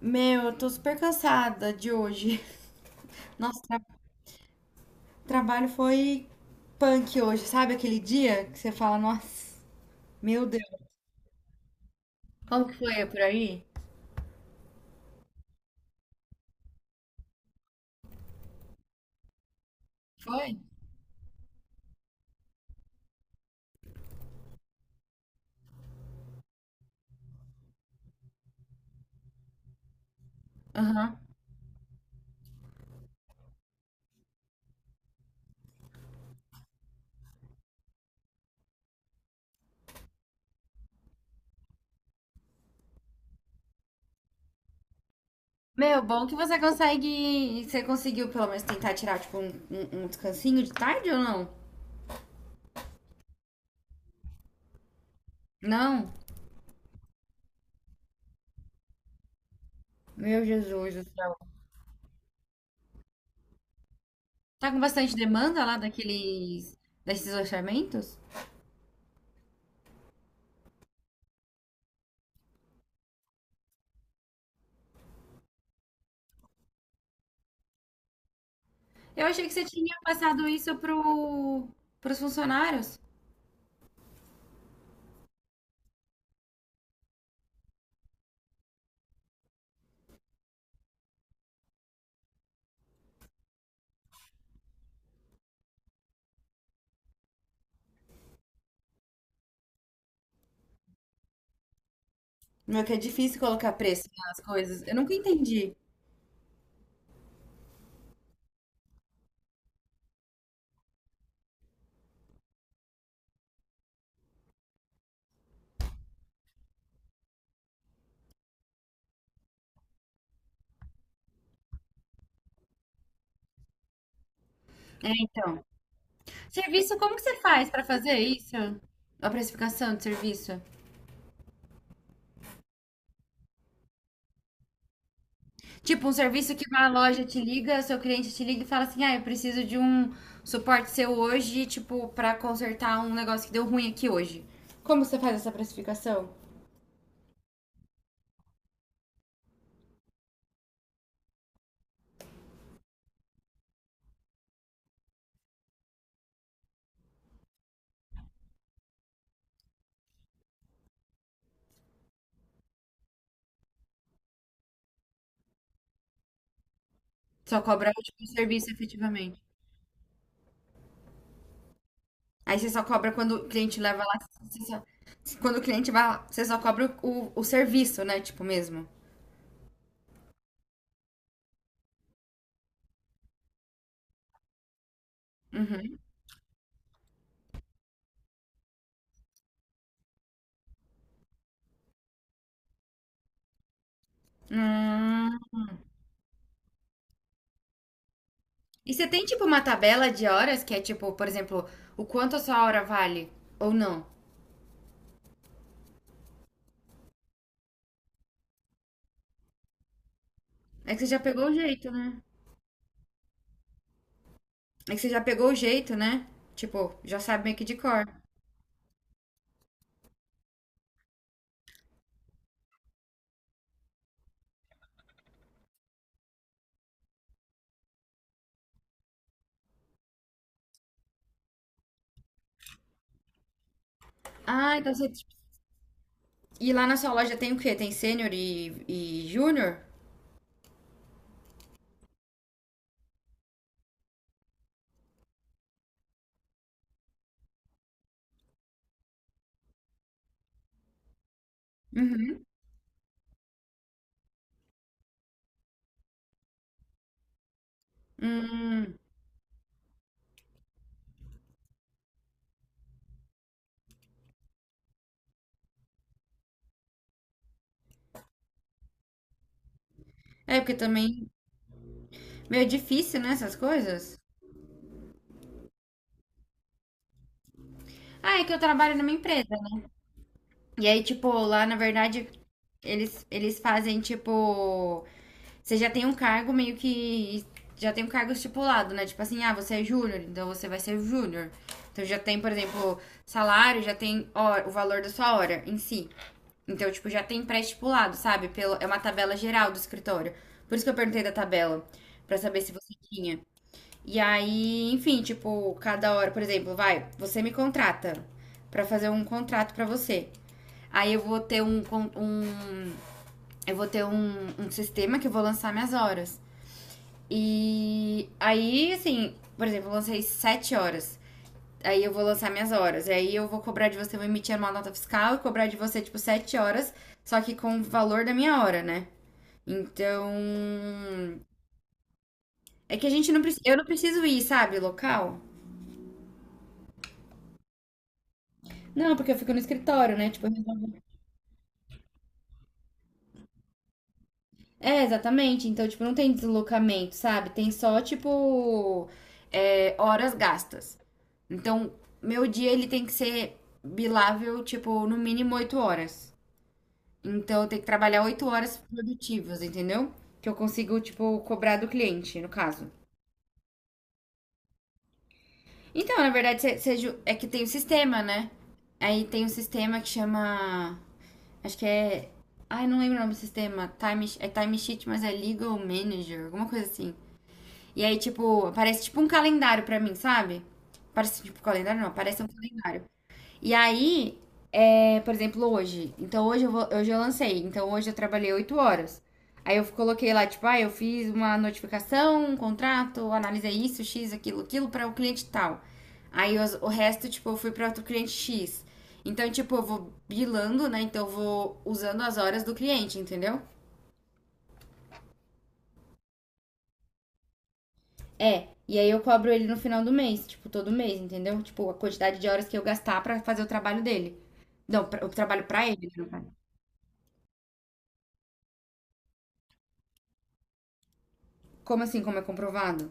Meu, eu tô super cansada de hoje. Nossa, trabalho foi punk hoje. Sabe aquele dia que você fala, nossa, meu Deus. Como que foi por aí? Foi? Aham. Meu, bom que você consegue. Você conseguiu pelo menos tentar tirar, tipo, um descansinho de tarde ou não? Não? Meu Jesus do céu. Tá com bastante demanda lá daqueles, desses orçamentos? Eu achei que você tinha passado isso pros funcionários. Meu, que é difícil colocar preço nas coisas. Eu nunca entendi. É, então. Serviço, como que você faz pra fazer isso? A precificação de serviço. Tipo, um serviço que uma loja te liga, seu cliente te liga e fala assim: ah, eu preciso de um suporte seu hoje, tipo, pra consertar um negócio que deu ruim aqui hoje. Como você faz essa precificação? Só cobra tipo, o serviço efetivamente. Aí você só cobra quando o cliente leva lá. você só- Quando o cliente vai lá, você só cobra o serviço, né? Tipo, mesmo. Hum. E você tem, tipo, uma tabela de horas que é, tipo, por exemplo, o quanto a sua hora vale ou não? É que você já pegou o jeito, né? É que você já pegou o jeito, né? Tipo, já sabe meio que de cor. Ah, então você, tipo, e lá na sua loja tem o quê? Tem sênior e júnior? Hum. É, porque também. Meio difícil, né? Essas coisas. Ah, é que eu trabalho numa empresa, né? E aí, tipo, lá na verdade, eles fazem, tipo. Você já tem um cargo meio que. Já tem um cargo estipulado, né? Tipo assim, ah, você é júnior, então você vai ser júnior. Então já tem, por exemplo, salário, já tem o valor da sua hora em si. Então, tipo, já tem pré-estipulado, sabe? Pelo, é uma tabela geral do escritório. Por isso que eu perguntei da tabela, pra saber se você tinha. E aí, enfim, tipo, cada hora, por exemplo, vai, você me contrata pra fazer um contrato pra você. Aí eu vou ter um, um eu vou ter um, um sistema que eu vou lançar minhas horas. E aí, assim, por exemplo, eu lancei 7 horas. Aí eu vou lançar minhas horas. E aí eu vou cobrar de você, vou emitir uma nota fiscal e cobrar de você, tipo, 7 horas, só que com o valor da minha hora, né? Então. É que a gente não precisa. Eu não preciso ir, sabe, local? Não, porque eu fico no escritório, né? É, exatamente. Então, tipo, não tem deslocamento, sabe? Tem só, tipo, horas gastas. Então, meu dia ele tem que ser bilável, tipo, no mínimo 8 horas. Então, eu tenho que trabalhar 8 horas produtivas, entendeu? Que eu consigo, tipo, cobrar do cliente, no caso. Então, na verdade, é que tem o sistema, né? Aí tem um sistema que chama. Acho que é. Ai, não lembro o nome do sistema. Time, é Time Sheet, mas é Legal Manager, alguma coisa assim. E aí, tipo, parece tipo um calendário pra mim, sabe? Parece tipo calendário, não, parece um calendário. E aí, por exemplo, hoje. Então, hoje eu lancei. Então, hoje eu trabalhei 8 horas. Aí eu coloquei lá, tipo, ah, eu fiz uma notificação, um contrato, analisei isso, X, aquilo, aquilo, para o cliente tal. Aí o resto, tipo, eu fui para outro cliente X. Então, tipo, eu vou bilando, né? Então, eu vou usando as horas do cliente, entendeu? É, e aí eu cobro ele no final do mês, tipo, todo mês, entendeu? Tipo, a quantidade de horas que eu gastar pra fazer o trabalho dele. Não, o trabalho pra ele, né, no caso. Como assim, como é comprovado?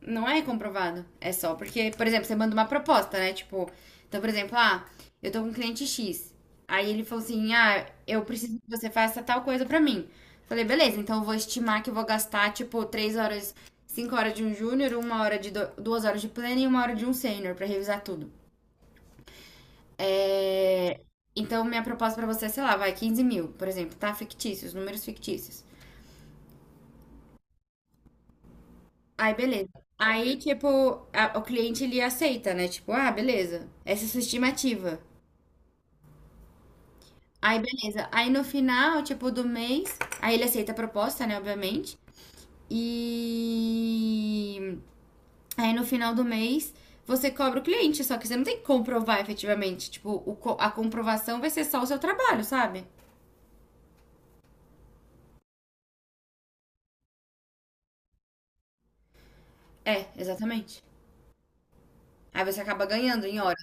Não é comprovado. É só porque, por exemplo, você manda uma proposta, né? Tipo, então, por exemplo, ah, eu tô com um cliente X. Aí ele falou assim: ah, eu preciso que você faça tal coisa pra mim. Falei, beleza, então eu vou estimar que eu vou gastar, tipo, 3 horas, 5 horas de um júnior, uma hora de do, 2 horas de pleno e 1 hora de um sênior pra revisar tudo. É, Então, minha proposta pra você é, sei lá, vai 15 mil, por exemplo, tá? Fictícios, números fictícios. Aí, beleza. Aí, tipo, o cliente ele aceita, né? Tipo, ah, beleza, essa é a sua estimativa. Aí, beleza. Aí, no final, tipo, do mês, aí ele aceita a proposta, né? Obviamente. E aí no final do mês você cobra o cliente, só que você não tem que comprovar efetivamente. Tipo, a comprovação vai ser só o seu trabalho, sabe? É, exatamente. Aí você acaba ganhando em hora.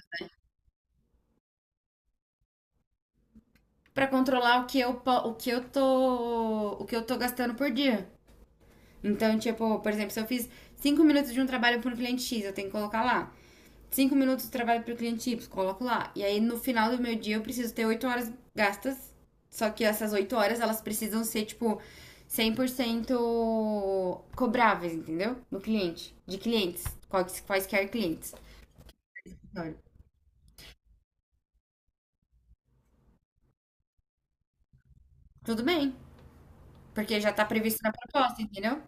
Para controlar o que eu o que eu tô gastando por dia. Então, tipo, por exemplo, se eu fiz 5 minutos de um trabalho para um cliente X, eu tenho que colocar lá. 5 minutos de trabalho para o cliente Y, coloco lá. E aí no final do meu dia eu preciso ter 8 horas gastas. Só que essas 8 horas elas precisam ser tipo 100% cobráveis, entendeu? No cliente, de clientes, quaisquer clientes. Tudo bem, porque já tá previsto na proposta, entendeu?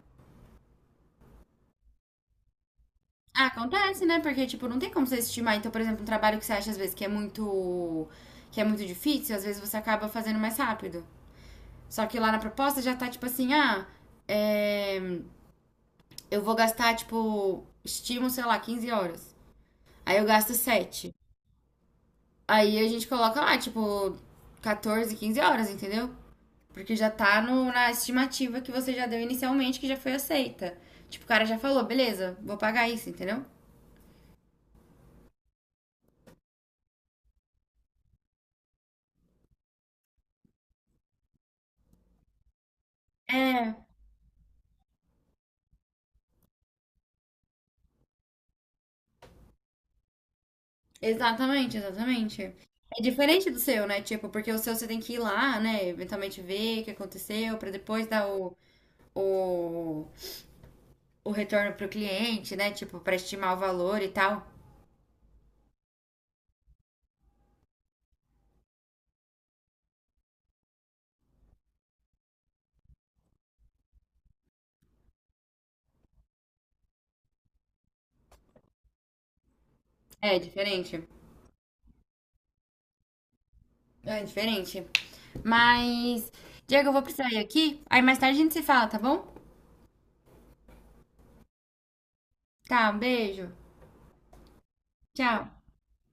Acontece, né? Porque, tipo, não tem como você estimar. Então, por exemplo, um trabalho que você acha às vezes que é muito difícil, às vezes você acaba fazendo mais rápido. Só que lá na proposta já tá tipo assim, ah, é, eu vou gastar, tipo, estimo, sei lá, 15 horas. Aí eu gasto sete. Aí a gente coloca lá, tipo, 14, 15 horas, entendeu? Porque já tá no, na estimativa que você já deu inicialmente, que já foi aceita. Tipo, o cara já falou, beleza, vou pagar isso, entendeu? É, Exatamente, exatamente. É diferente do seu, né? Tipo, porque o seu você tem que ir lá, né? Eventualmente ver o que aconteceu, pra depois dar o, o retorno pro cliente, né? Tipo, pra estimar o valor e tal. É diferente. É diferente. Mas, Diego, eu vou precisar ir aqui. Aí mais tarde a gente se fala, tá bom? Tá, um beijo. Tchau.